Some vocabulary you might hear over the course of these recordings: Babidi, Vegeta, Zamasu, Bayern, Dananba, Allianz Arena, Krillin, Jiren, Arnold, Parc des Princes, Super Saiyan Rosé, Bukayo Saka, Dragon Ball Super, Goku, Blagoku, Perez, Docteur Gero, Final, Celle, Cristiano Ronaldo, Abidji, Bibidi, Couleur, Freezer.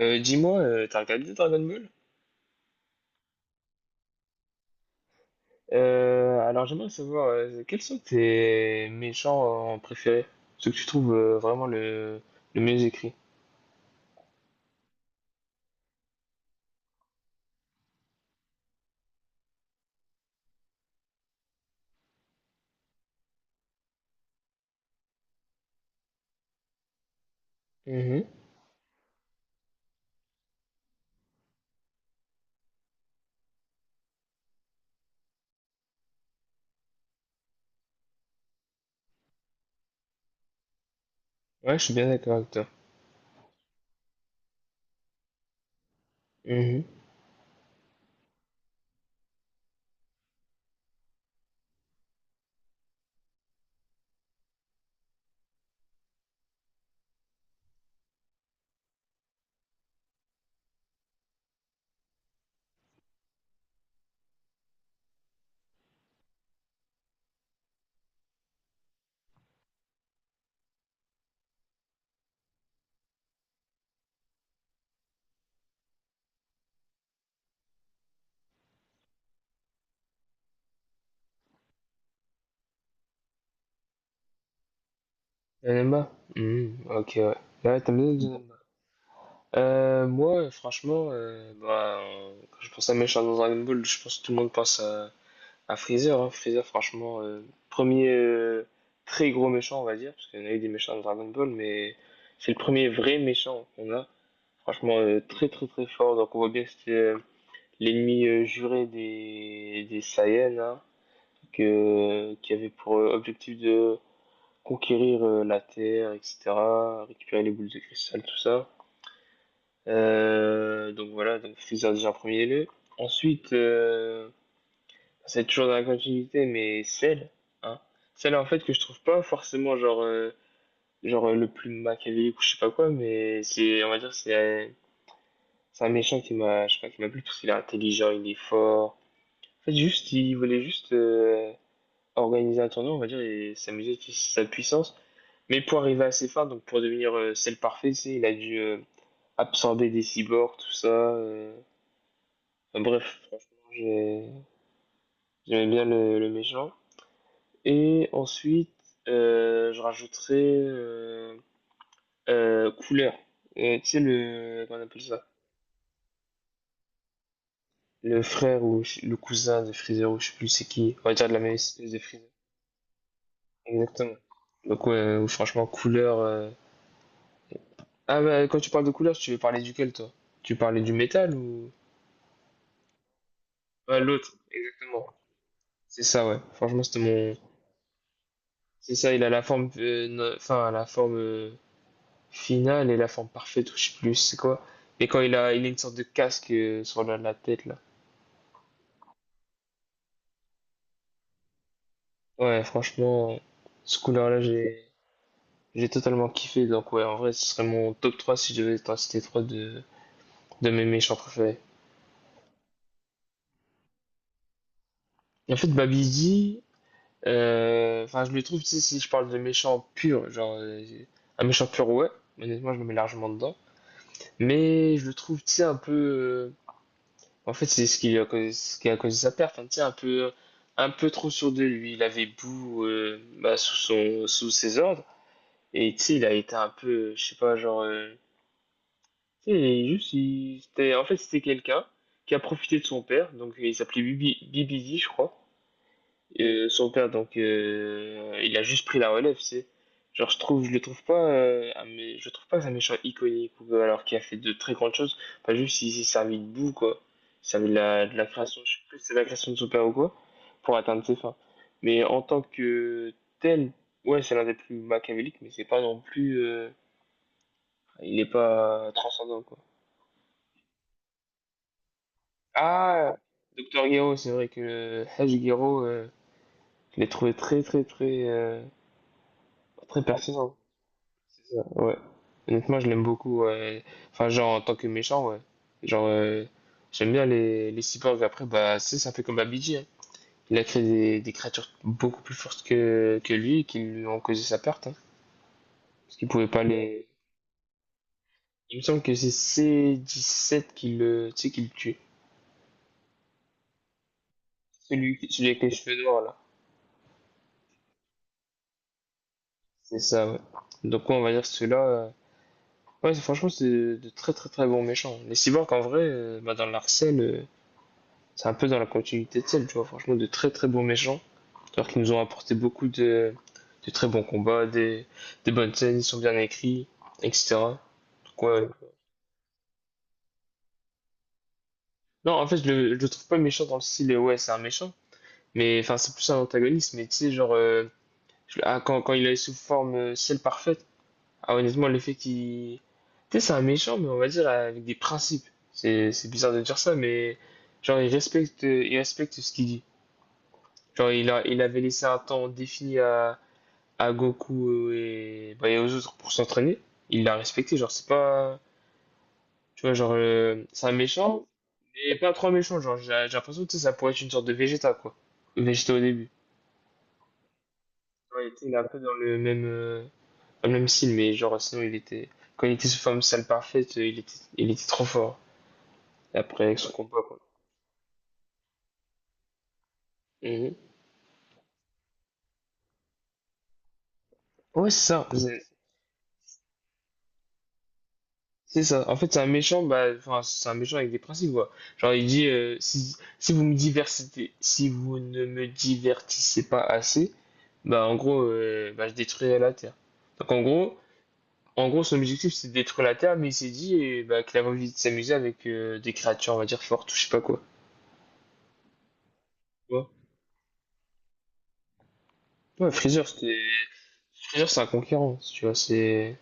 Dis-moi, t'as regardé Dragon Ball? Alors j'aimerais savoir quels sont tes méchants préférés, ceux que tu trouves vraiment le mieux écrit. Mhm. Ouais, je suis bien d'accord avec toi. Mhm. Dananba. Mhm. Ok, ouais. Ouais, t'aimes bien Dananba. Moi, franchement, bah, quand je pense à méchant dans Dragon Ball, je pense que tout le monde pense à Freezer, hein, Freezer, franchement, premier très gros méchant, on va dire, parce qu'il y en a eu des méchants dans Dragon Ball, mais c'est le premier vrai méchant qu'on a. Franchement, très très très fort. Donc on voit bien que c'était l'ennemi juré des Saiyans, hein, qui avait pour objectif de conquérir la Terre, etc., récupérer les boules de cristal, tout ça. Donc voilà, donc Freezer déjà en premier lieu. Ensuite, c'est toujours dans la continuité, mais celle, hein. Celle en fait que je trouve pas forcément genre, genre le plus machiavélique ou je sais pas quoi, mais c'est, on va dire, c'est un méchant qui m'a, je sais pas, qui m'a plu parce qu'il est intelligent, il est fort. En fait, juste, il voulait juste organiser un tournoi, on va dire, et s'amuser de sa puissance. Mais pour arriver à ses fins, donc pour devenir celle parfaite, tu sais, il a dû absorber des cyborgs, tout ça. Enfin, bref, franchement, j'aimais bien le méchant. Et ensuite, je rajouterai Couleur. Tu sais, le, comment on appelle ça? Le frère ou le cousin de Freezer, ou je sais plus c'est qui. On va dire de la même espèce de Freezer. Exactement. Donc, ouais, ou franchement, Couleur. Ah, bah, quand tu parles de Couleur, tu veux parler duquel, toi? Tu parlais du métal ou. Ouais, l'autre, exactement. C'est ça, ouais. Franchement, c'était mon. C'est ça, il a la forme. Enfin, la forme. Final est la forme parfaite, ou je sais plus c'est quoi. Mais il a une sorte de casque sur la tête là. Ouais, franchement, ce couleur là j'ai totalement kiffé. Donc ouais, en vrai, ce serait mon top 3 si je devais en citer 3 de mes méchants préférés. Et en fait, Babidi, enfin, je le trouve, tu sais, si je parle de méchant pur, genre, un méchant pur, ouais, honnêtement, je me mets largement dedans. Mais je le trouve, tu sais, un peu, en fait, c'est ce qui lui a causé, ce qui a causé sa perte. Hein. Tu sais, un peu trop sûr de lui. Il avait Boo bah, sous ses ordres. Et tu sais, il a été un peu, je sais pas, genre. Tu sais, juste, c'était, en fait, c'était quelqu'un qui a profité de son père. Donc, il s'appelait Bibidi, je crois. Son père, donc, il a juste pris la relève, c'est. Genre, je le trouve pas, je trouve pas que c'est un méchant iconique, ou, alors qu'il a fait de très grandes choses. Enfin, juste, il s'est servi de boue, quoi. Il s'est servi de de la création, je sais plus si c'est la création de son père ou quoi, pour atteindre ses fins. Mais en tant que tel, ouais, c'est l'un des plus machiavéliques, mais c'est pas non plus, il est pas transcendant, quoi. Ah, Docteur Gero, c'est vrai que Haj euh, je l'ai trouvé très, très, très, très pertinent. C'est ça, ouais. Honnêtement, je l'aime beaucoup. Ouais. Enfin, genre, en tant que méchant, ouais. Genre, j'aime bien les cyborgs. Après, bah, ça fait comme Abidji, hein. Il a créé des créatures beaucoup plus fortes que lui et qui lui ont causé sa perte, hein. Parce qu'il pouvait pas les... Il me semble que c'est C17 qui tu sais, qui le tue. Celui avec les cheveux noirs, là. C'est ça, ouais. Donc, ouais, on va dire que ceux-là... Ouais, franchement, c'est de très, très, très bons méchants. Les cyborgs, en vrai, bah, dans l'arcel c'est un peu dans la continuité de celle, tu vois, franchement, de très très bons méchants, alors qu'ils nous ont apporté beaucoup de très bons combats, des bonnes scènes, ils sont bien écrits, etc. Donc, ouais. Non, en fait, je le trouve pas méchant dans le style, ouais, c'est un méchant, mais enfin, c'est plus un antagoniste, mais tu sais, genre, ah, quand il est sous forme ciel parfaite, ah, honnêtement, le fait qu'il. Tu sais, c'est un méchant, mais on va dire avec des principes. C'est bizarre de dire ça, mais genre, il respecte ce qu'il dit. Genre, il avait laissé un temps défini à Goku bah, et aux autres pour s'entraîner. Il l'a respecté, genre, c'est pas. Tu vois, genre, c'est un méchant, mais pas trop un méchant. Genre, j'ai l'impression que tu sais, ça pourrait être une sorte de Vegeta, quoi. Vegeta au début. Ouais, tu sais, il est un peu dans dans le même style, mais genre, sinon, il était. Quand il était sous forme sale parfaite, il était trop fort. Et après, avec son combat, quoi. Mhm. Ouais, c'est ça. C'est ça. En fait, c'est un méchant, bah, enfin, c'est un méchant avec des principes, quoi. Genre, il dit, si vous me diversitez, si vous ne me divertissez pas assez, bah, en gros, bah, je détruirai la Terre. Donc, en gros, son objectif, c'est de détruire la Terre, mais il s'est dit, bah, qu'il avait envie de s'amuser avec des créatures, on va dire, fortes ou je sais pas quoi. Tu vois. Ouais, Freezer, c'était... Freezer, c'est un conquérant, tu vois, c'est...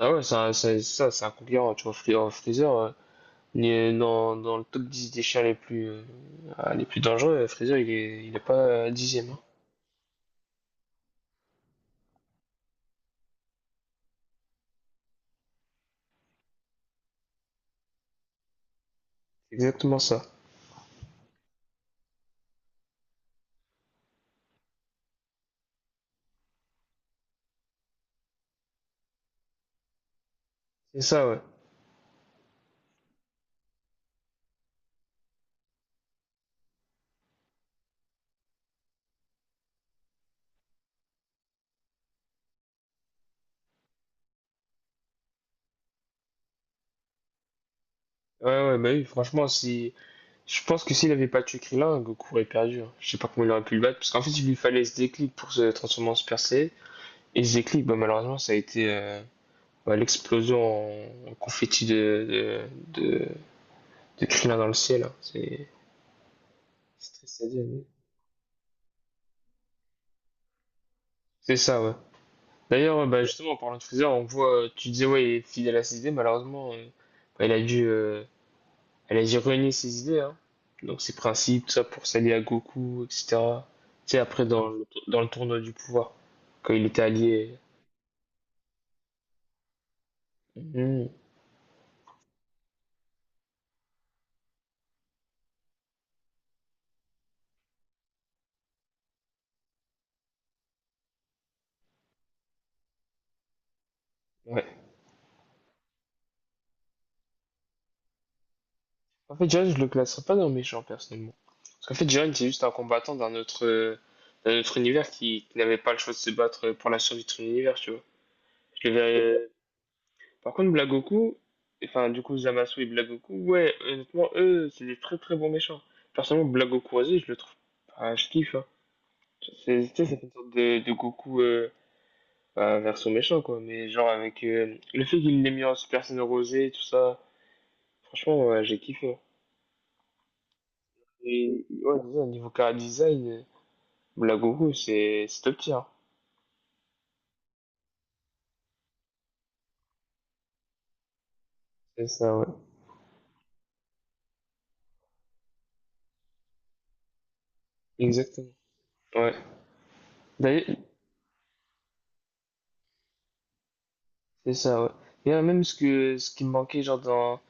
Ah ouais, c'est ça, c'est un conquérant, tu vois, Freezer, Mais dans le top 10 des chiens ah, les plus dangereux, Freezer, il est pas dixième. Hein. C'est exactement ça. C'est ça, ouais. Ouais, ouais, bah oui, franchement, si... Je pense que s'il avait pas tué Krillin, Goku aurait perdu. Hein. Je sais pas comment il aurait pu le battre, parce qu'en fait, il lui fallait ce déclic pour se transformer en Super Saiyan. Et ce déclic, bah, malheureusement, ça a été bah, l'explosion en confetti de, de, de Krillin dans le ciel. Hein. C'est triste à. C'est ça, ouais. D'ailleurs, bah, justement, en parlant de Freezer, on voit, tu disais, ouais, il est fidèle à ses idées, malheureusement, bah, elle a dû renier ses idées, hein. Donc ses principes, tout ça pour s'allier à Goku, etc. Tu sais, après, dans dans le tournoi du pouvoir, quand il était allié. Mhm. Ouais. En fait, Jiren, je le classerais pas dans le méchant, personnellement. Parce qu'en fait, Jiren, c'est juste un combattant d'un autre univers qui n'avait pas le choix de se battre pour la survie de son univers, tu vois. Je le verrais. Par contre, Blagoku, enfin, du coup, Zamasu et Blagoku, ouais, honnêtement, eux, c'est des très très bons méchants. Personnellement, Blagoku, vas-y, je le trouve. Ah, je kiffe, hein. C'est, tu sais, ça fait une sorte de Goku bah, version méchant, quoi. Mais genre, avec le fait qu'il l'ait mis en Super Saiyan Rosé et tout ça, franchement, ouais, j'ai kiffé. Hein. Et ouais, c'est ça, au niveau chara design, Blagoku, c'est top tier. C'est ça, ouais. Exactement. Ouais. D'ailleurs, c'est ça, ouais. D'ailleurs, même ce que ce qui me manquait, genre, dans.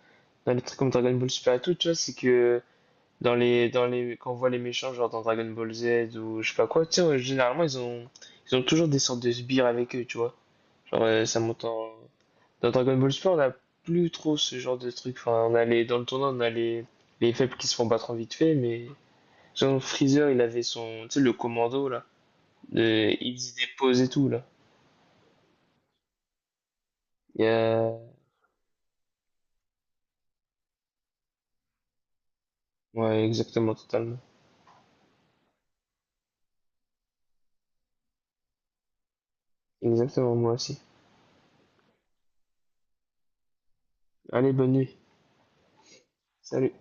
Non, le truc comme Dragon Ball Super et tout, tu vois, c'est que dans les, quand on voit les méchants, genre dans Dragon Ball Z ou je sais pas quoi, tu sais, généralement, ils ont toujours des sortes de sbires avec eux, tu vois. Genre, ça monte en... Dans Dragon Ball Super, on a plus trop ce genre de truc. Enfin, dans le tournoi, on a les faibles qui se font battre en vite fait, mais... Genre, Freezer, il avait son, tu sais, le commando, là. Il faisait des poses et tout, là. Il y a... Ouais, exactement, totalement. Exactement, moi aussi. Allez, bonne nuit. Salut.